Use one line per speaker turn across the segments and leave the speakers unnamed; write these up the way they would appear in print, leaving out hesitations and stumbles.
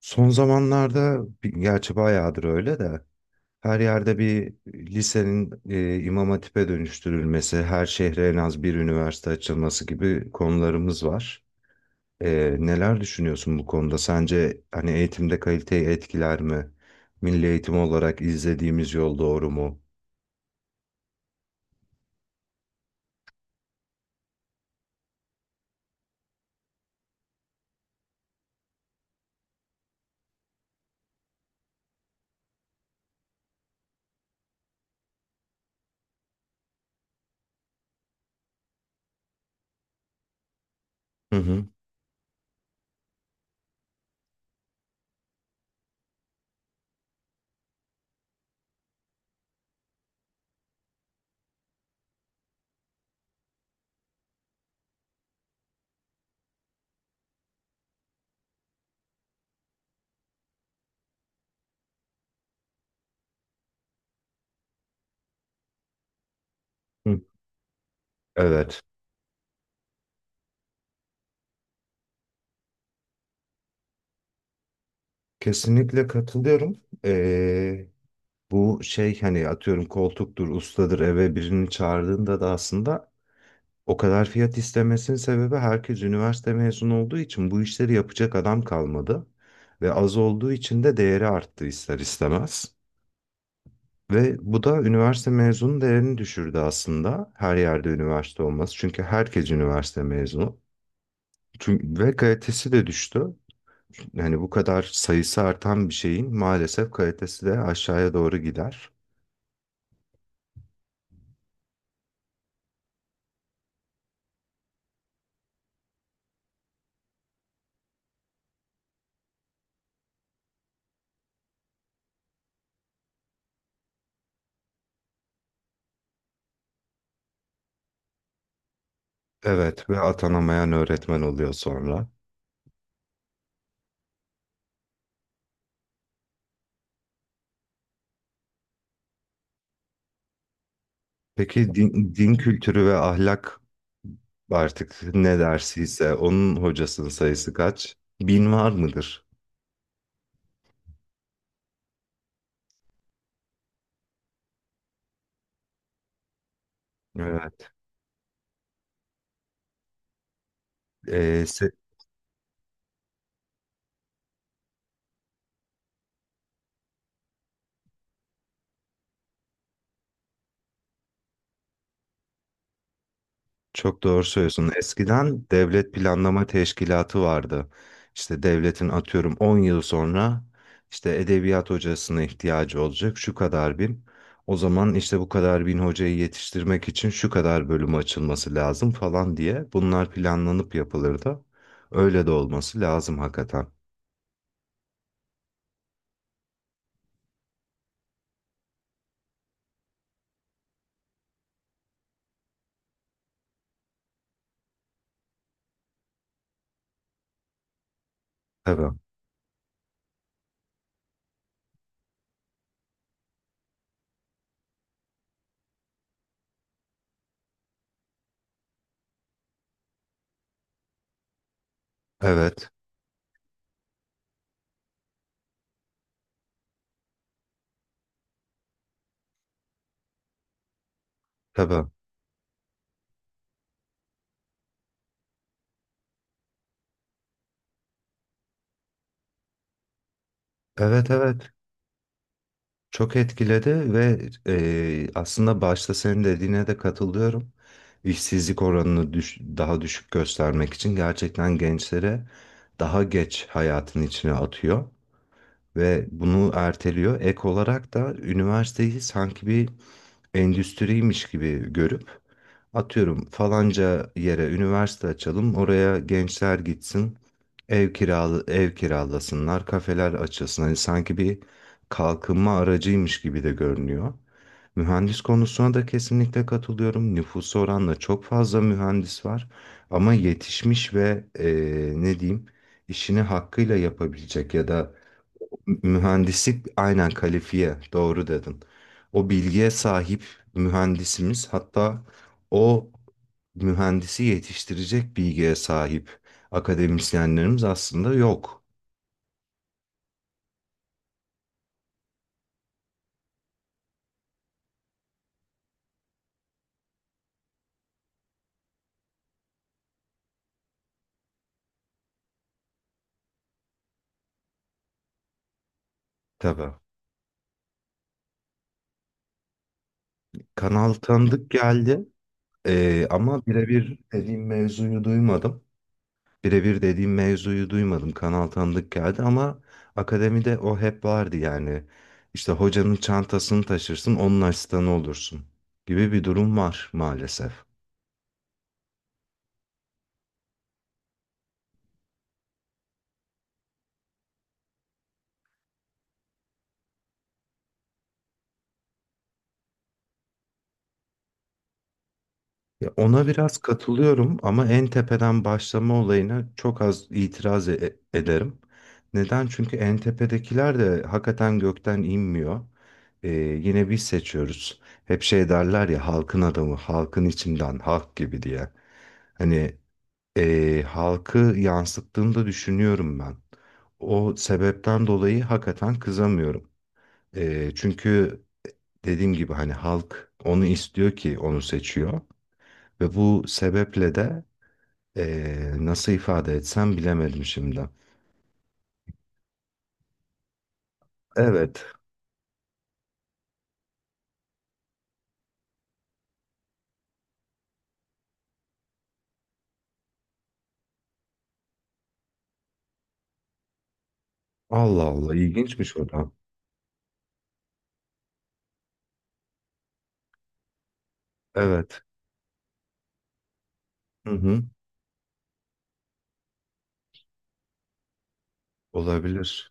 Son zamanlarda gerçi bayağıdır öyle de her yerde bir lisenin İmam Hatip'e dönüştürülmesi, her şehre en az bir üniversite açılması gibi konularımız var. Neler düşünüyorsun bu konuda? Sence hani eğitimde kaliteyi etkiler mi? Milli eğitim olarak izlediğimiz yol doğru mu? Hı hı. Hı. Evet, kesinlikle katılıyorum. E, Bu şey hani atıyorum koltuktur, ustadır eve birini çağırdığında da aslında o kadar fiyat istemesinin sebebi herkes üniversite mezunu olduğu için bu işleri yapacak adam kalmadı. Ve az olduğu için de değeri arttı ister istemez. Ve bu da üniversite mezunu değerini düşürdü aslında. Her yerde üniversite olması. Çünkü herkes üniversite mezunu. Ve kalitesi de düştü. Yani bu kadar sayısı artan bir şeyin maalesef kalitesi de aşağıya doğru gider. Evet, ve atanamayan öğretmen oluyor sonra. Peki din kültürü ve ahlak artık ne dersiyse onun hocasının sayısı kaç? Bin var mıdır? Evet. Ee, se- Çok doğru söylüyorsun. Eskiden devlet planlama teşkilatı vardı. İşte devletin atıyorum 10 yıl sonra işte edebiyat hocasına ihtiyacı olacak şu kadar bin. O zaman işte bu kadar bin hocayı yetiştirmek için şu kadar bölüm açılması lazım falan diye bunlar planlanıp yapılırdı. Öyle de olması lazım hakikaten. Tabii. Evet. Tabii. Evet, evet. Çok etkiledi ve aslında başta senin dediğine de katılıyorum. İşsizlik oranını daha düşük göstermek için gerçekten gençlere daha geç hayatın içine atıyor ve bunu erteliyor. Ek olarak da üniversiteyi sanki bir endüstriymiş gibi görüp atıyorum falanca yere üniversite açalım, oraya gençler gitsin, ev kiralasınlar, kafeler açılsın. Hani sanki bir kalkınma aracıymış gibi de görünüyor. Mühendis konusuna da kesinlikle katılıyorum. Nüfusa oranla çok fazla mühendis var, ama yetişmiş ve ne diyeyim, işini hakkıyla yapabilecek ya da... Mühendislik, aynen, kalifiye doğru dedin. O bilgiye sahip mühendisimiz, hatta o mühendisi yetiştirecek bilgiye sahip akademisyenlerimiz aslında yok. Tabii. Kanal tanıdık geldi, ama birebir dediğim mevzuyu duymadım. Birebir dediğim mevzuyu duymadım. Kanal tanıdık geldi ama akademide o hep vardı yani. İşte hocanın çantasını taşırsın, onun asistanı olursun gibi bir durum var maalesef. Ya, ona biraz katılıyorum ama en tepeden başlama olayına çok az itiraz ederim. Neden? Çünkü en tepedekiler de hakikaten gökten inmiyor. Yine biz seçiyoruz. Hep şey derler ya, halkın adamı, halkın içinden, halk gibi diye. Hani halkı yansıttığını da düşünüyorum ben. O sebepten dolayı hakikaten kızamıyorum. Çünkü dediğim gibi hani halk onu istiyor ki onu seçiyor ve bu sebeple de nasıl ifade etsem bilemedim şimdi. Evet. Allah Allah, ilginçmiş o da. Evet. Hı hı. Olabilir.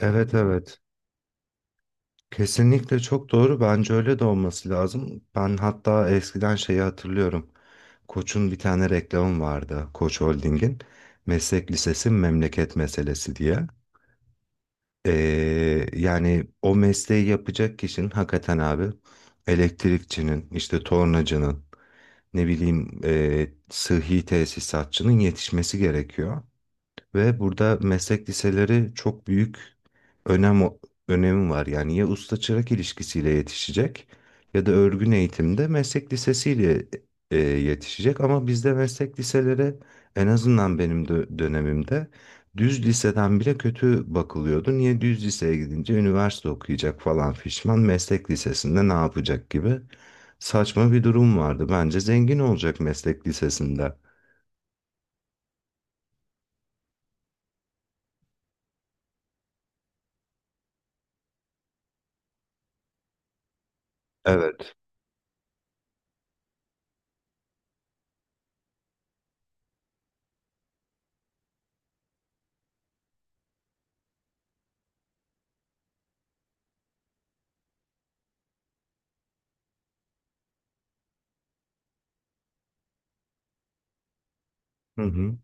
Evet, evet. Kesinlikle çok doğru. Bence öyle de olması lazım. Ben hatta eskiden şeyi hatırlıyorum. Koç'un bir tane reklamı vardı. Koç Holding'in. Meslek lisesi memleket meselesi diye. Yani o mesleği yapacak kişinin hakikaten abi elektrikçinin, işte tornacının, ne bileyim sıhhi tesisatçının yetişmesi gerekiyor. Ve burada meslek liseleri çok büyük önem önemi var. Yani ya usta çırak ilişkisiyle yetişecek ya da örgün eğitimde meslek lisesiyle yetişecek. Ama bizde meslek liseleri, en azından benim dönemimde, düz liseden bile kötü bakılıyordu. Niye? Düz liseye gidince üniversite okuyacak falan fişman, meslek lisesinde ne yapacak gibi saçma bir durum vardı. Bence zengin olacak meslek lisesinde. Evet. Hı hı.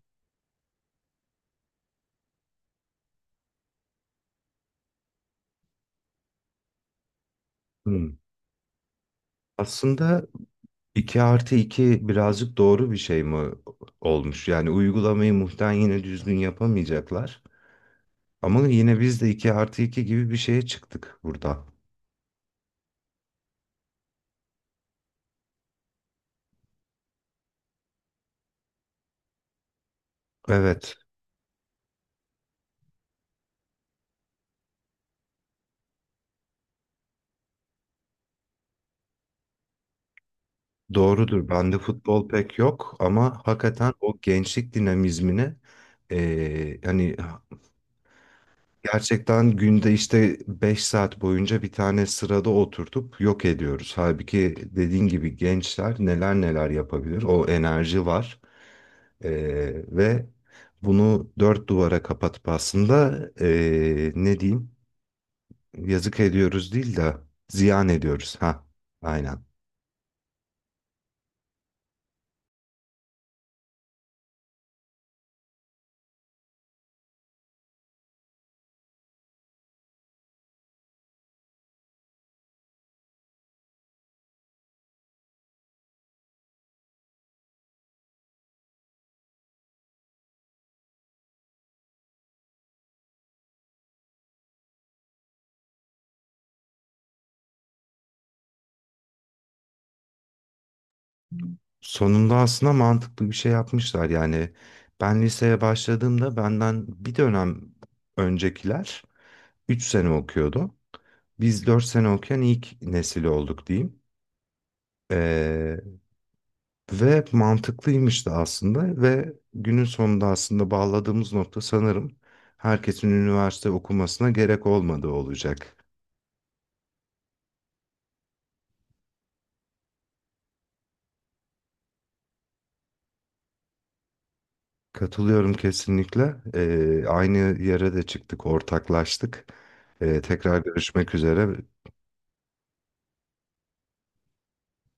Hı. Aslında 2 artı 2 birazcık doğru bir şey mi olmuş? Yani uygulamayı muhtemelen yine düzgün yapamayacaklar. Ama yine biz de 2 artı 2 gibi bir şeye çıktık burada. Evet, doğrudur. Bende futbol pek yok ama hakikaten o gençlik dinamizmini hani gerçekten günde işte 5 saat boyunca bir tane sırada oturtup yok ediyoruz. Halbuki dediğin gibi gençler neler neler yapabilir. O enerji var. Ve bunu dört duvara kapatıp aslında ne diyeyim, yazık ediyoruz değil de ziyan ediyoruz. Ha, aynen. Sonunda aslında mantıklı bir şey yapmışlar. Yani ben liseye başladığımda benden bir dönem öncekiler 3 sene okuyordu. Biz 4 sene okuyan ilk nesil olduk diyeyim. Ee, Ve mantıklıymış da aslında, ve günün sonunda aslında bağladığımız nokta sanırım herkesin üniversite okumasına gerek olmadığı olacak. Katılıyorum kesinlikle. Aynı yere de çıktık, ortaklaştık. Tekrar görüşmek üzere.